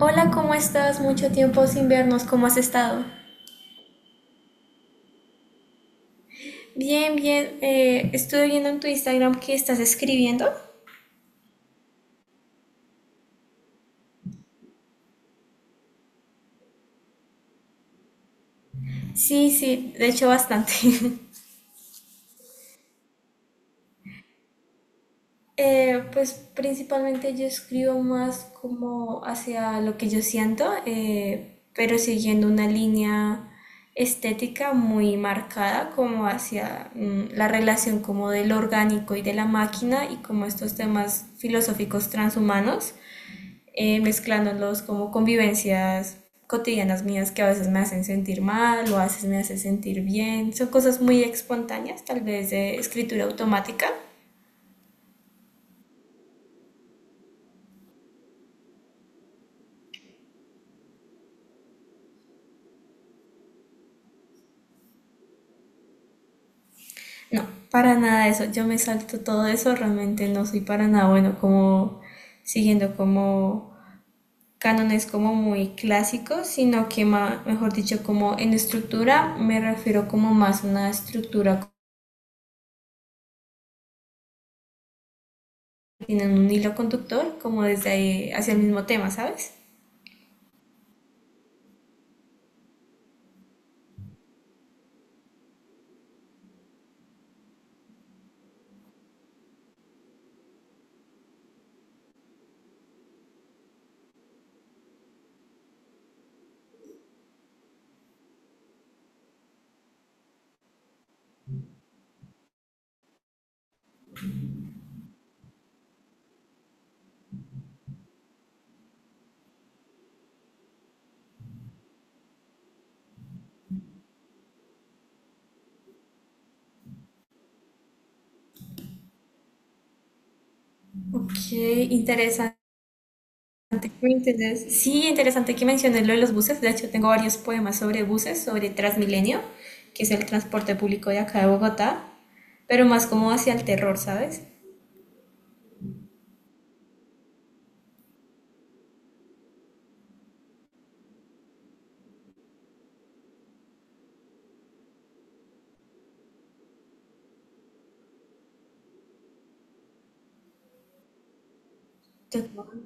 Hola, ¿cómo estás? Mucho tiempo sin vernos, ¿cómo has estado? Bien, bien. Estuve viendo en tu Instagram que estás escribiendo. Sí, sí, de hecho bastante. Pues principalmente yo escribo más como hacia lo que yo siento, pero siguiendo una línea estética muy marcada como hacia la relación como del orgánico y de la máquina y como estos temas filosóficos transhumanos. Mezclándolos como convivencias cotidianas mías que a veces me hacen sentir mal o a veces me hacen sentir bien. Son cosas muy espontáneas, tal vez de escritura automática. No, para nada eso. Yo me salto todo eso, realmente no soy para nada bueno como siguiendo como cánones como muy clásicos, sino que mejor dicho, como en estructura me refiero como más a una estructura que tiene un hilo conductor, como desde ahí hacia el mismo tema, ¿sabes? Ok, interesante. Muy interesante. Sí, interesante que menciones lo de los buses. De hecho, tengo varios poemas sobre buses, sobre Transmilenio, que es el transporte público de acá de Bogotá, pero más como hacia el terror, ¿sabes? Total.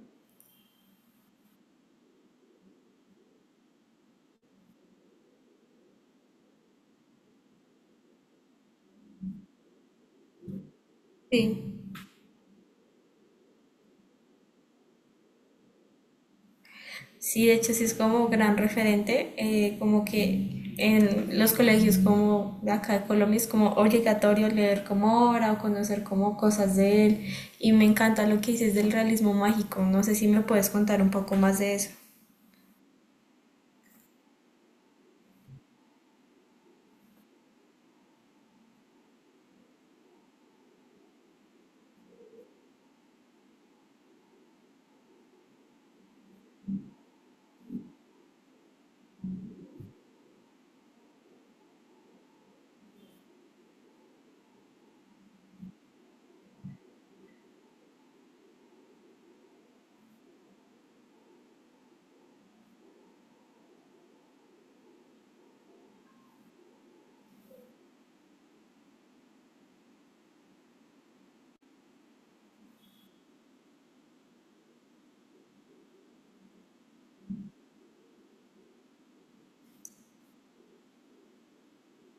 Sí. Sí, de hecho sí es como gran referente, como que en los colegios como de acá de Colombia es como obligatorio leer como obra o conocer como cosas de él. Y me encanta lo que dices del realismo mágico. No sé si me puedes contar un poco más de eso.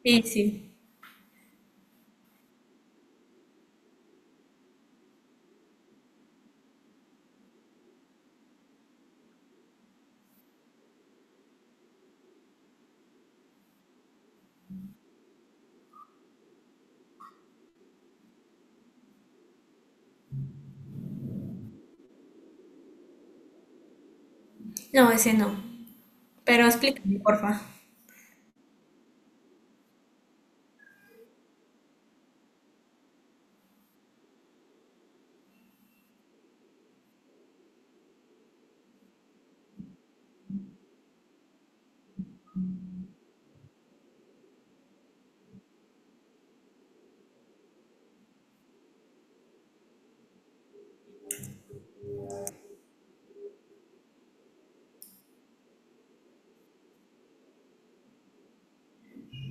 Sí, sí. No, ese no. Pero explícame, porfa.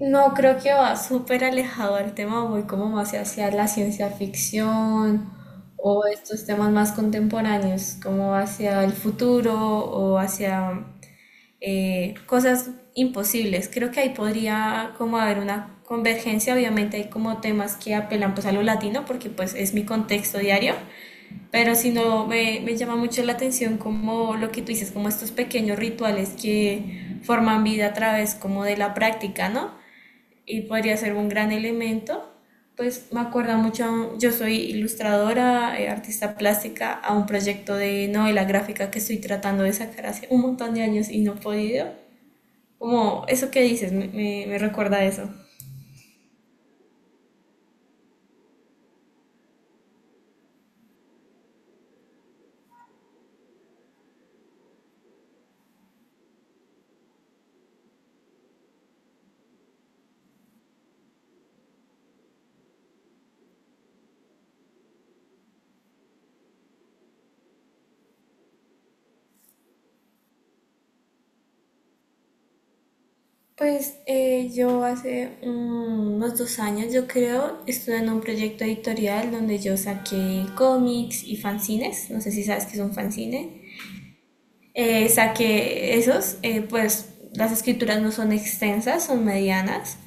No, creo que va súper alejado al tema, voy como más hacia la ciencia ficción o estos temas más contemporáneos, como hacia el futuro o hacia cosas imposibles. Creo que ahí podría como haber una convergencia, obviamente hay como temas que apelan pues a lo latino porque pues es mi contexto diario. Pero si no, me llama mucho la atención como lo que tú dices, como estos pequeños rituales que forman vida a través como de la práctica, ¿no? Y podría ser un gran elemento. Pues me acuerda mucho, yo soy ilustradora, artista plástica, a un proyecto de novela gráfica que estoy tratando de sacar hace un montón de años y no he podido. Como eso que dices, me recuerda a eso. Pues yo hace unos 2 años, yo creo, estuve en un proyecto editorial donde yo saqué cómics y fanzines, no sé si sabes qué es un fanzine. Saqué esos, pues las escrituras no son extensas, son medianas,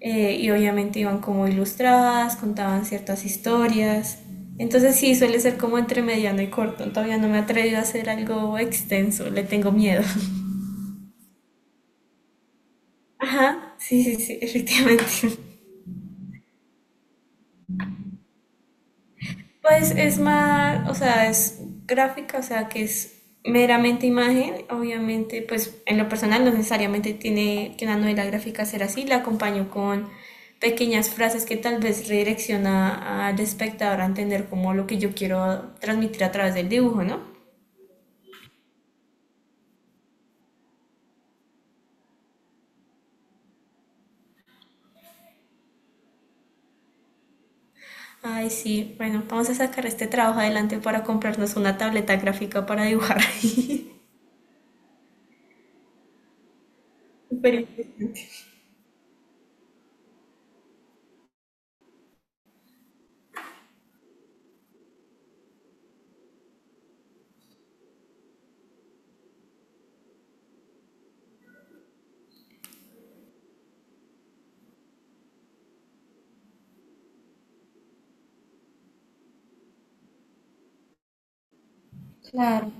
y obviamente iban como ilustradas, contaban ciertas historias, entonces sí, suele ser como entre mediano y corto, todavía no me he atrevido a hacer algo extenso, le tengo miedo. Ajá, sí, sí, sí, efectivamente. Pues es más, o sea, es gráfica, o sea, que es meramente imagen. Obviamente, pues en lo personal no necesariamente tiene que una novela gráfica ser así. La acompaño con pequeñas frases que tal vez redirecciona al espectador a entender como lo que yo quiero transmitir a través del dibujo, ¿no? Ay, sí, bueno, vamos a sacar este trabajo adelante para comprarnos una tableta gráfica para dibujar. Pero, claro.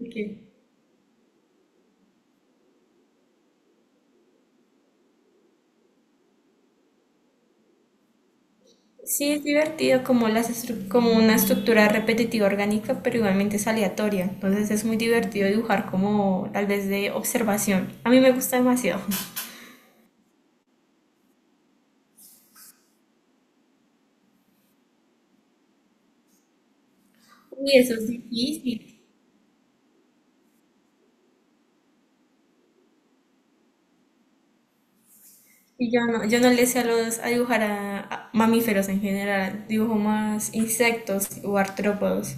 Ok. Sí, es divertido como, como una estructura repetitiva orgánica, pero igualmente es aleatoria. Entonces es muy divertido dibujar como tal vez de observación. A mí me gusta demasiado. Y eso es difícil. Y yo no, yo no le sé a los a dibujar a mamíferos en general. Dibujo más insectos o artrópodos.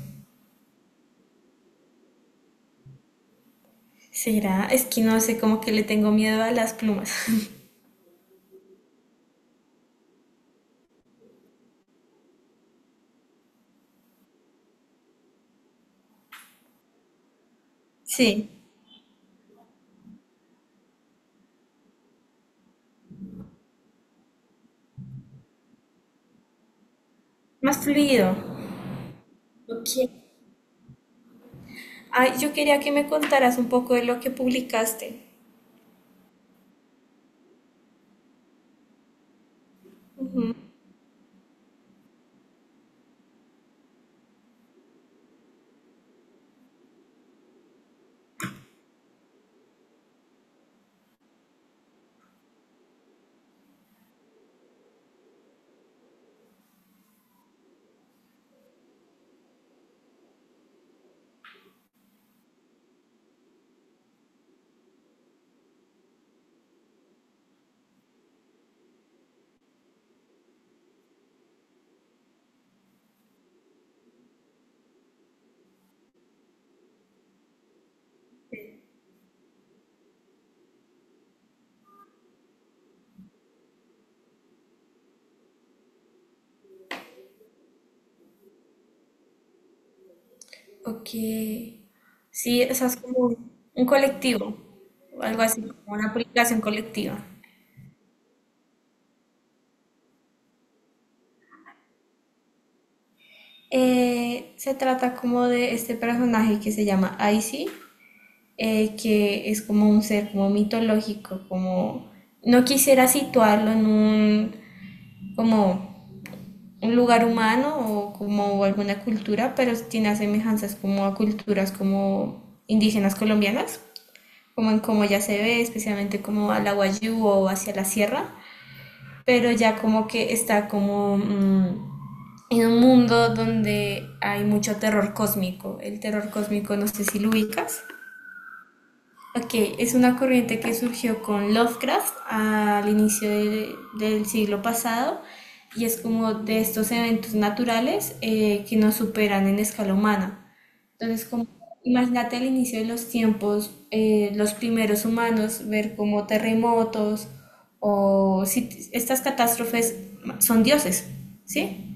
Será, es que no sé, como que le tengo miedo a las plumas. Sí, más fluido. Ok. Ay, yo quería que me contaras un poco de lo que publicaste. Ok. Sí, o sea, es como un colectivo, o algo así, como una aplicación colectiva. Se trata como de este personaje que se llama Icy, que es como un ser como mitológico, como no quisiera situarlo en un como un lugar humano o como alguna cultura, pero tiene semejanzas como a culturas como indígenas colombianas, como en cómo ya se ve, especialmente como a la Wayuu o hacia la sierra. Pero ya como que está como en un mundo donde hay mucho terror cósmico. El terror cósmico no sé si lo ubicas. Ok, es una corriente que surgió con Lovecraft al inicio del siglo pasado y es como de estos eventos naturales que nos superan en escala humana. Entonces, como, imagínate el inicio de los tiempos, los primeros humanos, ver como terremotos o si estas catástrofes son dioses, ¿sí?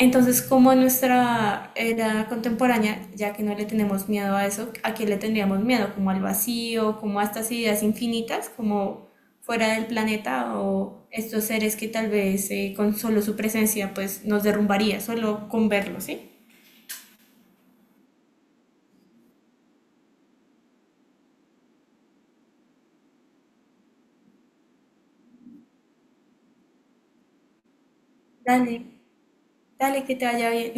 Entonces, como en nuestra era contemporánea, ya que no le tenemos miedo a eso, ¿a qué le tendríamos miedo? Como al vacío, como a estas ideas infinitas, como fuera del planeta o estos seres que tal vez con solo su presencia pues nos derrumbaría, solo con verlos, ¿sí? Dale, dale, que te vaya bien.